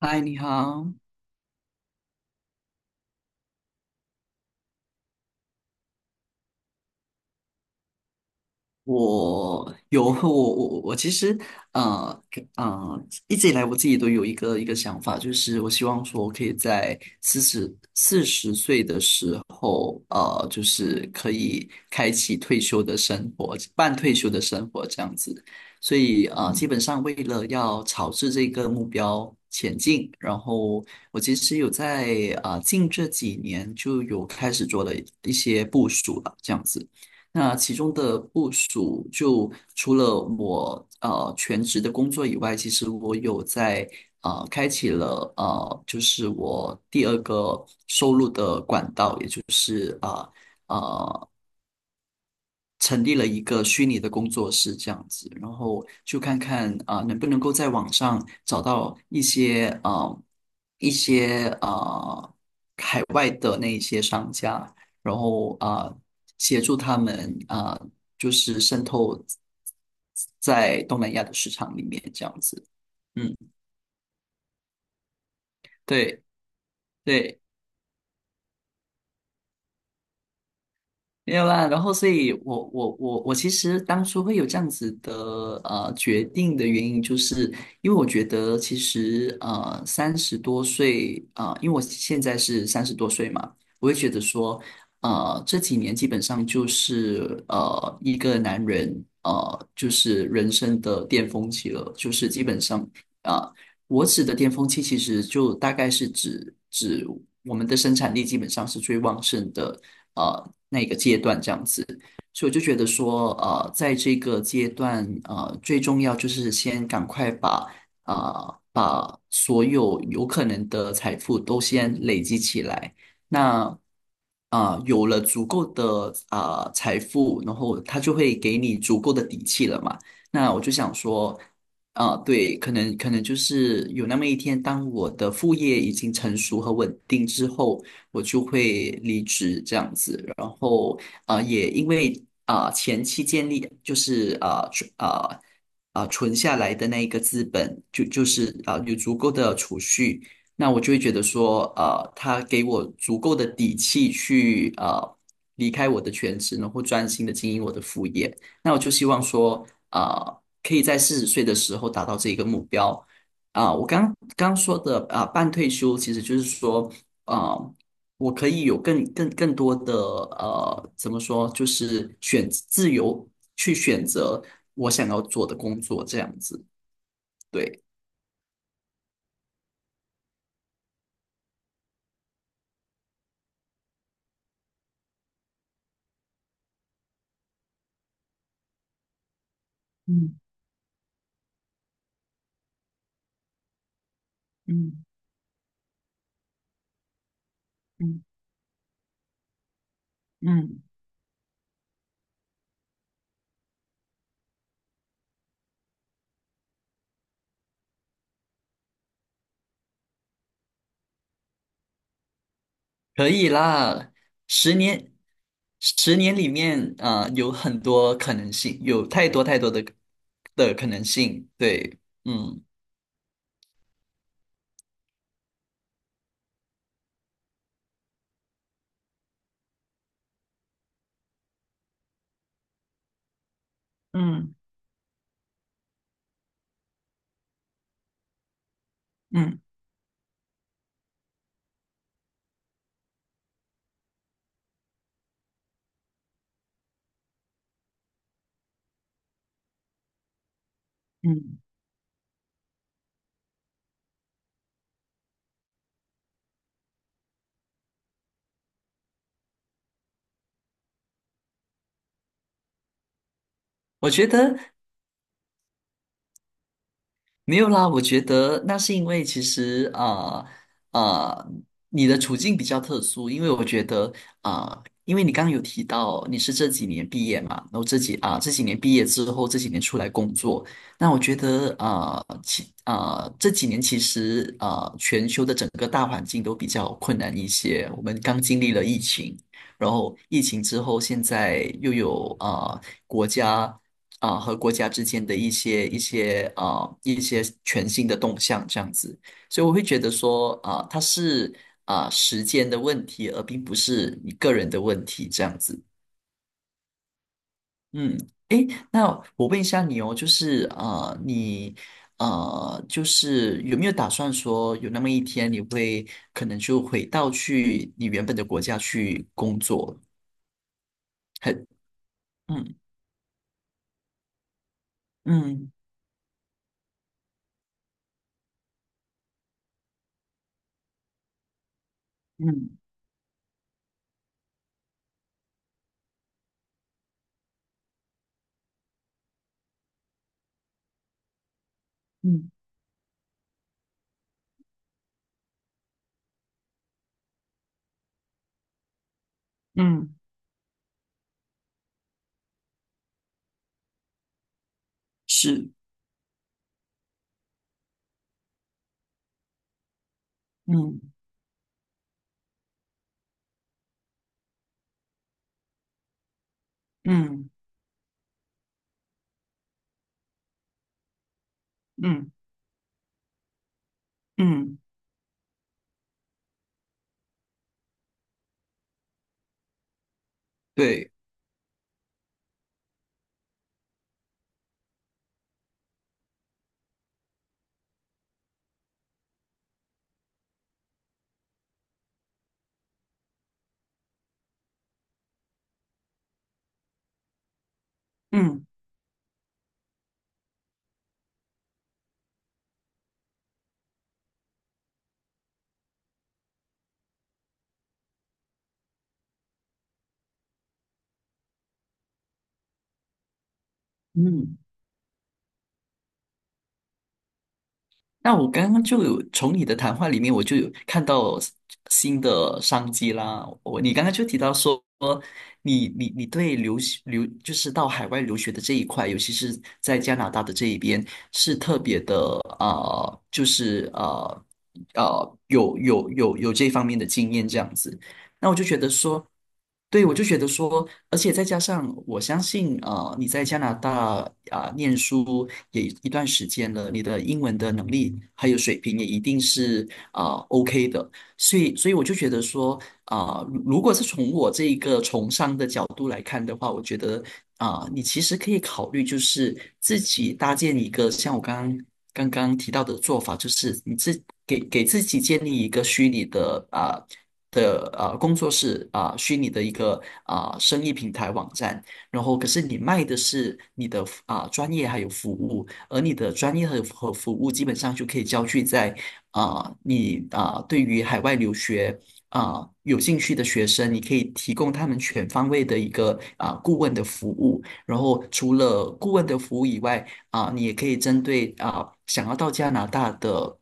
嗨，你好。我有和我我我我其实呃一直以来我自己都有一个想法，就是我希望说我可以在四十岁的时候，就是可以开启退休的生活，半退休的生活这样子。所以基本上为了要朝着这个目标前进，然后我其实有在近这几年就有开始做了一些部署了，这样子。那其中的部署，就除了我全职的工作以外，其实我有在开启了就是我第二个收入的管道，也就是呃，呃成立了一个虚拟的工作室这样子，然后就看看能不能够在网上找到一些外的那一些商家，然后协助他们就是渗透在东南亚的市场里面这样子。嗯，对对。没有啦，然后所以我，我其实当初会有这样子的决定的原因，就是因为我觉得其实三十多岁因为我现在是三十多岁嘛，我会觉得说这几年基本上就是一个男人就是人生的巅峰期了，就是基本上啊我指的巅峰期，其实就大概是指我们的生产力基本上是最旺盛的那个阶段这样子。所以我就觉得说，在这个阶段，最重要就是先赶快把把所有有可能的财富都先累积起来。那有了足够的财富，然后他就会给你足够的底气了嘛。那我就想说，对，可能就是有那么一天，当我的副业已经成熟和稳定之后，我就会离职这样子。然后也因为前期建立就是存下来的那一个资本，就是有足够的储蓄，那我就会觉得说他给我足够的底气去离开我的全职，然后专心的经营我的副业。那我就希望说，可以在四十岁的时候达到这一个目标。我刚刚说的半退休其实就是说，啊、我可以有更多的怎么说，就是选自由去选择我想要做的工作，这样子，对，嗯嗯嗯嗯，可以啦。十年，十年里面，有很多可能性，有太多的的可能性，对，嗯。嗯嗯嗯我觉得，没有啦，我觉得那是因为其实啊，你的处境比较特殊，因为我觉得因为你刚刚有提到你是这几年毕业嘛，然后这几年毕业之后，这几年出来工作，那我觉得啊其啊这几年其实全球的整个大环境都比较困难一些，我们刚经历了疫情，然后疫情之后现在又有国家。和国家之间的一些一些全新的动向这样子，所以我会觉得说它是时间的问题，而并不是你个人的问题这样子。嗯，诶，那我问一下你哦，就是你就是有没有打算说有那么一天你会可能就回到去你原本的国家去工作？很。嗯嗯嗯嗯嗯，是。嗯嗯。嗯嗯。对，嗯。嗯，那我刚刚就有从你的谈话里面，我就有看到新的商机啦。我你刚刚就提到说，你对留学留就是到海外留学的这一块，尤其是在加拿大的这一边，是特别的就是有有这方面的经验这样子。那我就觉得说。对，我就觉得说，而且再加上我相信，你在加拿大念书也一段时间了，你的英文的能力还有水平也一定是OK 的，所以，所以我就觉得说，如果是从我这一个从商的角度来看的话，我觉得你其实可以考虑，就是自己搭建一个像我刚刚提到的做法，就是你给自己建立一个虚拟的工作室虚拟的一个生意平台网站，然后可是你卖的是你的专业还有服务，而你的专业和服务基本上就可以焦聚在你对于海外留学有兴趣的学生，你可以提供他们全方位的一个顾问的服务。然后除了顾问的服务以外，你也可以针对想要到加拿大的。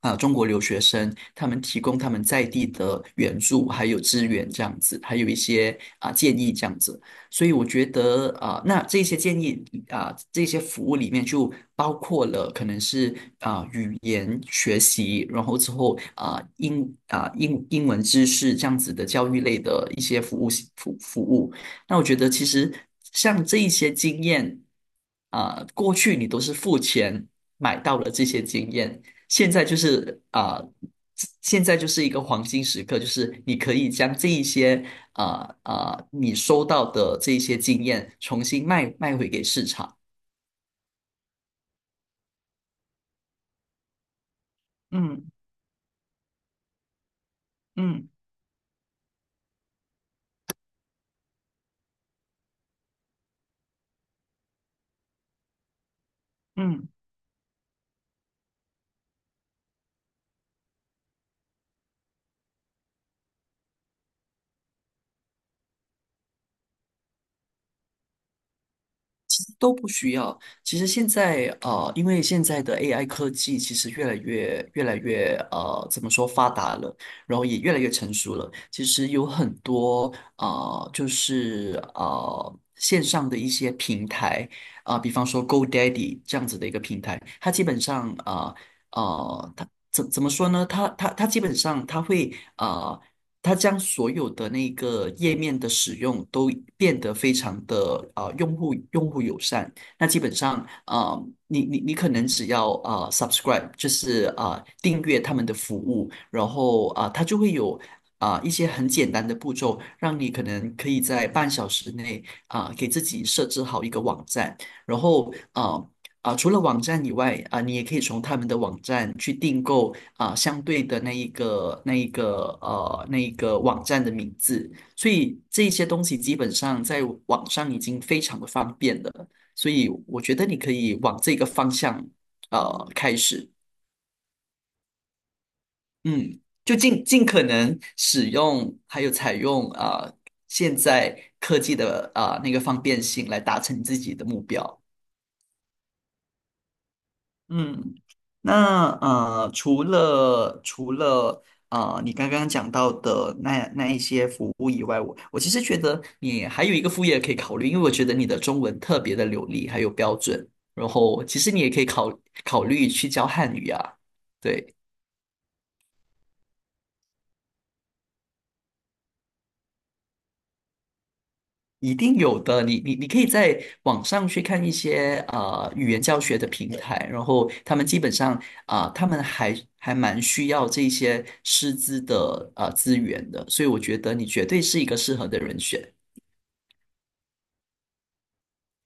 中国留学生他们提供他们在地的援助，还有资源这样子，还有一些建议这样子。所以我觉得那这些建议这些服务里面就包括了可能是语言学习，然后之后啊、呃英啊、呃英英文知识这样子的教育类的一些服务。那我觉得其实像这一些经验过去你都是付钱买到了这些经验。现在就是现在就是一个黄金时刻，就是你可以将这一些啊你收到的这一些经验重新卖回给市场。嗯嗯嗯。都不需要。其实现在因为现在的 AI 科技其实越来越怎么说发达了，然后也越来越成熟了。其实有很多就是线上的一些平台比方说 GoDaddy 这样子的一个平台，它基本上啊。它怎么说呢？它基本上它会。它将所有的那个页面的使用都变得非常的用户友善。那基本上啊，你可能只要subscribe，就是订阅他们的服务，然后它就会有。一些很简单的步骤，让你可能可以在半小时内给自己设置好一个网站，然后除了网站以外你也可以从他们的网站去订购相对的那一个网站的名字，所以这些东西基本上在网上已经非常的方便了，所以我觉得你可以往这个方向开始，嗯，就尽尽可能使用还有采用现在科技的那个方便性来达成自己的目标。嗯，那除了你刚刚讲到的那一些服务以外，我其实觉得你还有一个副业可以考虑，因为我觉得你的中文特别的流利，还有标准，然后其实你也可以考虑去教汉语啊，对。一定有的，你可以在网上去看一些语言教学的平台，然后他们基本上他们还蛮需要这些师资的资源的，所以我觉得你绝对是一个适合的人选。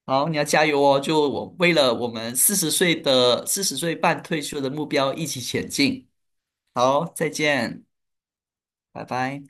好，你要加油哦！就我为了我们四十岁的四十岁半退休的目标一起前进。好，再见，拜拜。